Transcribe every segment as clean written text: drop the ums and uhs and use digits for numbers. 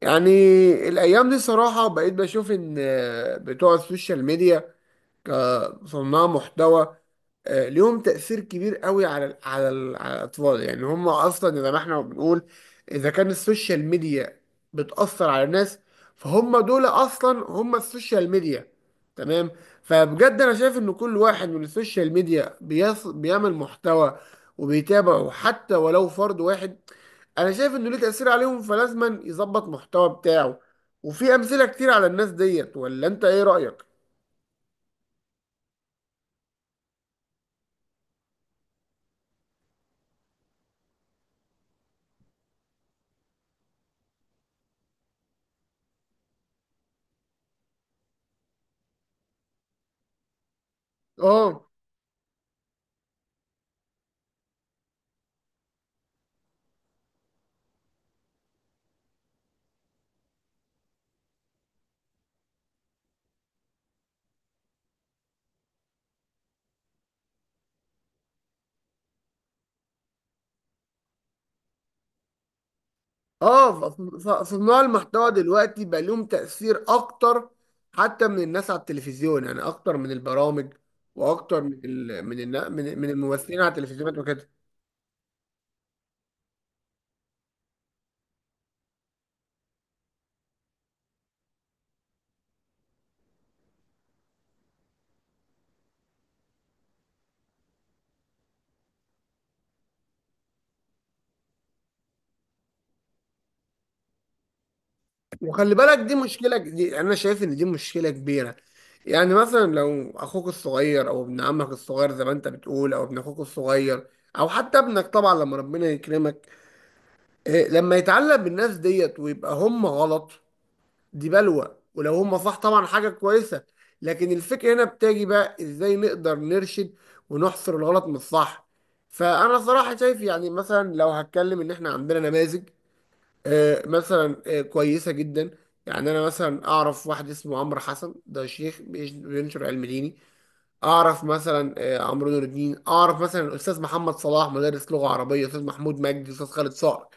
يعني الأيام دي صراحة بقيت بشوف إن بتوع السوشيال ميديا كصناع محتوى ليهم تأثير كبير قوي على الأطفال، يعني هم أصلا زي ما احنا بنقول، إذا كان السوشيال ميديا بتأثر على الناس، فهم دول أصلا هم السوشيال ميديا. تمام. فبجد أنا شايف إن كل واحد من السوشيال ميديا بيعمل محتوى وبيتابعه حتى ولو فرد واحد، أنا شايف إنه ليه تأثير عليهم فلازما يظبط محتوى بتاعه. وفي أمثلة كتير على الناس ديت، ولا أنت إيه رأيك؟ آه. اه، صناع المحتوى دلوقتي بقى لهم تأثير اكتر حتى من الناس على التلفزيون، يعني اكتر من البرامج واكتر من ال من النا- من من الممثلين على التلفزيونات وكده. وخلي بالك، دي انا شايف ان دي مشكلة كبيرة. يعني مثلا لو اخوك الصغير او ابن عمك الصغير زي ما انت بتقول، او ابن اخوك الصغير، او حتى ابنك طبعا لما ربنا يكرمك. لما يتعلق بالناس ديت ويبقى هم غلط دي بلوى، ولو هم صح طبعا حاجة كويسة. لكن الفكرة هنا بتاجي بقى ازاي نقدر نرشد ونحصر الغلط من الصح. فأنا صراحة شايف، يعني مثلا لو هتكلم إن إحنا عندنا نماذج، مثلا كويسة جدا. يعني أنا مثلا أعرف واحد اسمه عمرو حسن، ده شيخ بينشر علم ديني. اعرف مثلا عمرو نور الدين، اعرف مثلا الاستاذ محمد صلاح مدرس لغه عربيه، استاذ محمود مجدي، استاذ خالد صقر.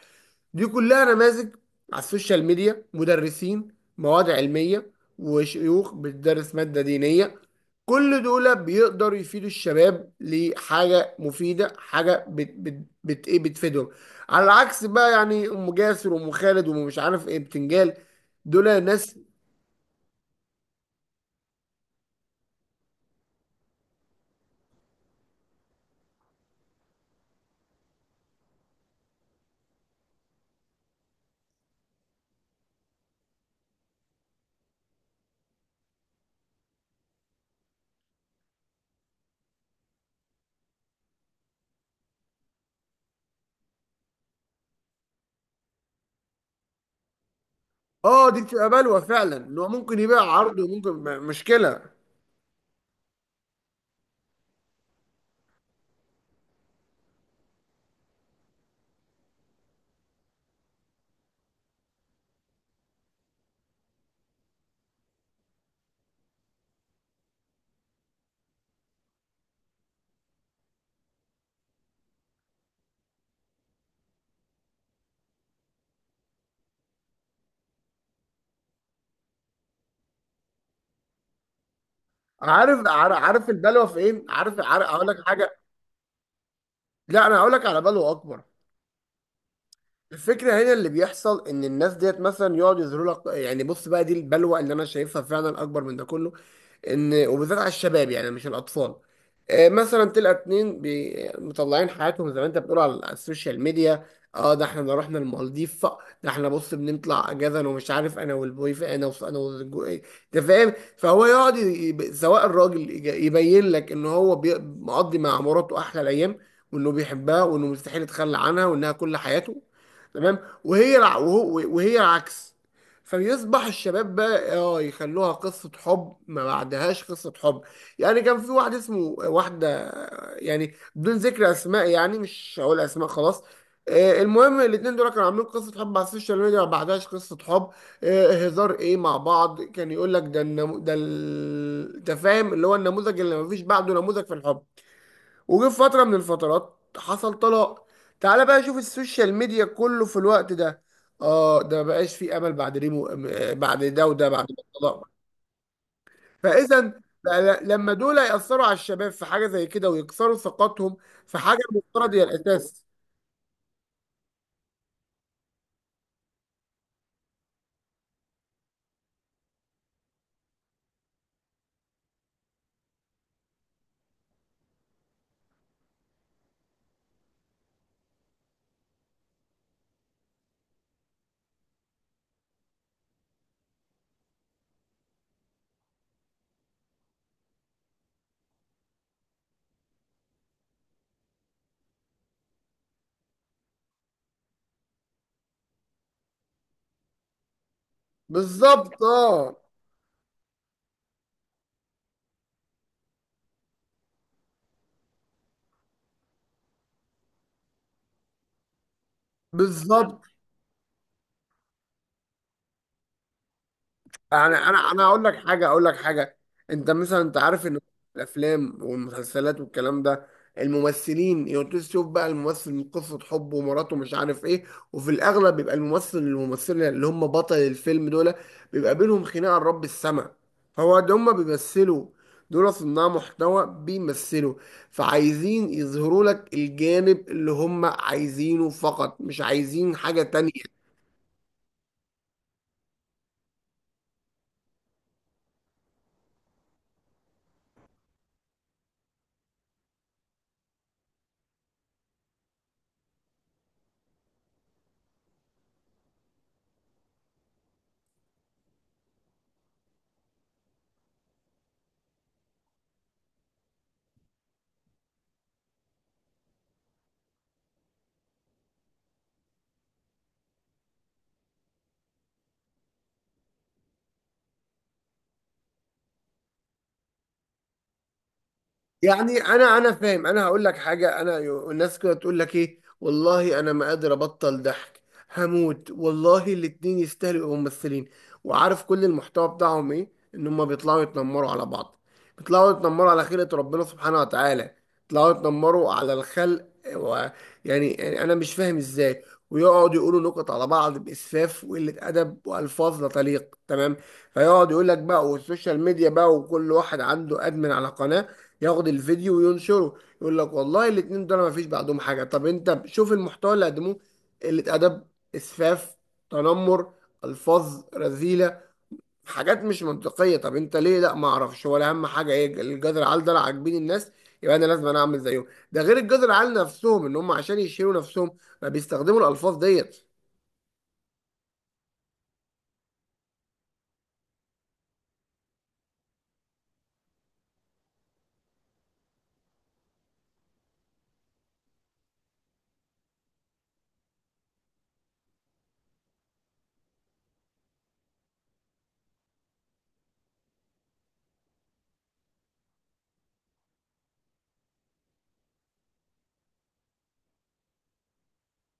دي كلها نماذج على السوشيال ميديا، مدرسين مواد علميه وشيوخ بتدرس ماده دينيه. كل دول بيقدروا يفيدوا الشباب لحاجه مفيده، حاجه بت بت بت ايه بتفيدهم. على العكس بقى، يعني ام جاسر وام خالد وام مش عارف ايه بتنجال، دول ناس. اه دي بتبقى بلوى فعلا، إن هو ممكن يبقى عرض وممكن مشكله. عارف عارف عارف البلوه فين، عارف عارف، هقول لك حاجه. لا، انا هقول لك على بلوه اكبر. الفكره هنا اللي بيحصل ان الناس ديت مثلا يقعد يظهروا لك، يعني بص بقى دي البلوه اللي انا شايفها فعلا اكبر من ده كله. ان وبالذات على الشباب، يعني مش الاطفال. مثلا تلقى اتنين مطلعين حياتهم زي ما انت بتقول على السوشيال ميديا. اه ده احنا رحنا المالديف، ده احنا بص بنطلع اجازه انا ومش عارف انا والبوي، ف- انا وص- انا والجو- إيه، انت فاهم. فهو يقعد سواء الراجل يبين لك ان هو مقضي مع مراته احلى الايام، وانه بيحبها، وانه مستحيل يتخلى عنها، وانها كل حياته. تمام. وهي العكس. فبيصبح الشباب بقى اه يخلوها قصة حب ما بعدهاش قصة حب. يعني كان في واحد اسمه واحدة، يعني بدون ذكر اسماء، يعني مش هقول اسماء خلاص. المهم الاتنين دول كانوا عاملين قصة حب على السوشيال ميديا ما بعدهاش قصة حب. هزار ايه مع بعض، كان يقول لك ده فاهم اللي هو النموذج اللي ما فيش بعده نموذج في الحب. وجه في فترة من الفترات حصل طلاق. تعال بقى شوف السوشيال ميديا كله في الوقت ده. اه ده مبقاش فيه امل بعد ريمو، بعد ده، وده بعد الطلاق. فاذا بقى لما دول ياثروا على الشباب في حاجه زي كده ويكسروا ثقتهم في حاجه المفترض هي الاساس. بالظبط اه. بالظبط. يعني انا اقول لك حاجه، اقول لك حاجه. انت مثلا انت عارف ان الافلام والمسلسلات والكلام ده، الممثلين يقعدوا تشوف بقى الممثل من قصه حبه ومراته مش عارف ايه. وفي الاغلب بيبقى الممثل الممثله اللي هم بطل الفيلم دول بيبقى بينهم خناقه لرب السما. هو ده هم بيمثلوا، دول صناع محتوى بيمثلوا. فعايزين يظهروا لك الجانب اللي هم عايزينه فقط، مش عايزين حاجه تانية. يعني انا فاهم، انا هقول لك حاجه. انا الناس كده تقول لك ايه، والله انا ما قادر ابطل ضحك، هموت والله الاتنين يستاهلوا يبقوا ممثلين. وعارف كل المحتوى بتاعهم ايه، ان هم بيطلعوا يتنمروا على بعض، بيطلعوا يتنمروا على خلقة ربنا سبحانه وتعالى، بيطلعوا يتنمروا على الخلق. و... يعني انا مش فاهم ازاي. ويقعد يقولوا نكت على بعض باسفاف وقله ادب والفاظ لا تليق. تمام. فيقعد يقول لك بقى، والسوشيال ميديا بقى وكل واحد عنده ادمن على قناه ياخد الفيديو وينشره، يقول لك والله الاتنين دول ما فيش بعدهم حاجه. طب انت شوف المحتوى اللي قدموه، قله ادب، اسفاف، تنمر، الفاظ رذيله، حاجات مش منطقيه. طب انت ليه؟ لا ما اعرفش، ولا اهم حاجه ايه، الجذر العال ده لا عاجبين الناس، يبقى انا لازم انا اعمل زيهم. ده غير الجذر العال نفسهم ان هم عشان يشيلوا نفسهم ما بيستخدموا الالفاظ ديت.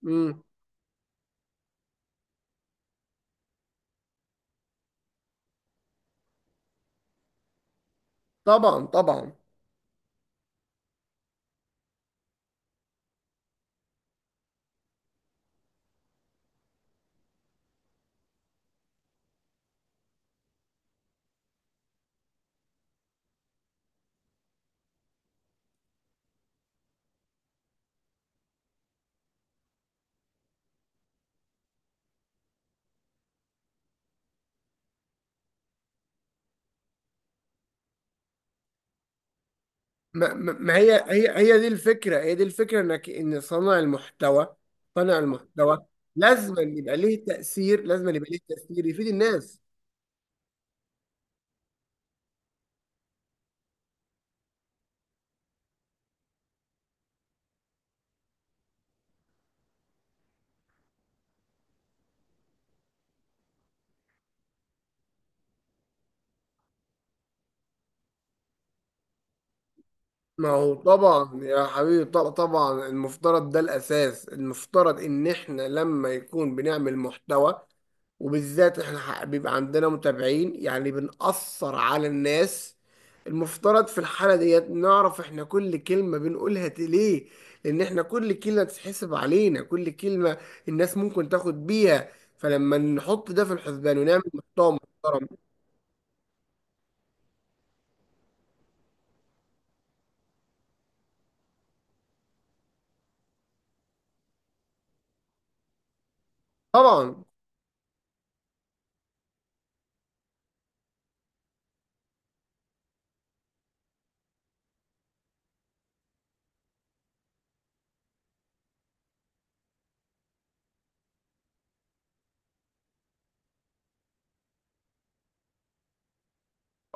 امم طبعا طبعا. ما, ما ما هي هي هي دي الفكرة، هي دي الفكرة، انك ان صانع المحتوى، صانع المحتوى لازم يبقى ليه تأثير، يفيد الناس. ما هو طبعا يا حبيبي، طبعا المفترض ده الأساس. المفترض إن إحنا لما يكون بنعمل محتوى، وبالذات إحنا بيبقى عندنا متابعين، يعني بنأثر على الناس، المفترض في الحالة ديت نعرف إحنا كل كلمة بنقولها ليه. لأن إحنا كل كلمة تتحسب علينا، كل كلمة الناس ممكن تاخد بيها، فلما نحط ده في الحسبان ونعمل محتوى محترم. طبعا.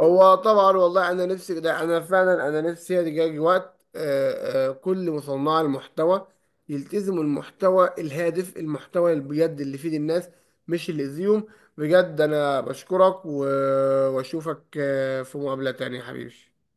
هو طبعا والله انا نفسي ده، انا فعلا انا نفسي يجي وقت كل مصنع المحتوى يلتزموا المحتوى الهادف، المحتوى اللي بجد اللي يفيد الناس مش اللي يأذيهم. بجد انا بشكرك واشوفك في مقابلة تانية يا حبيبي.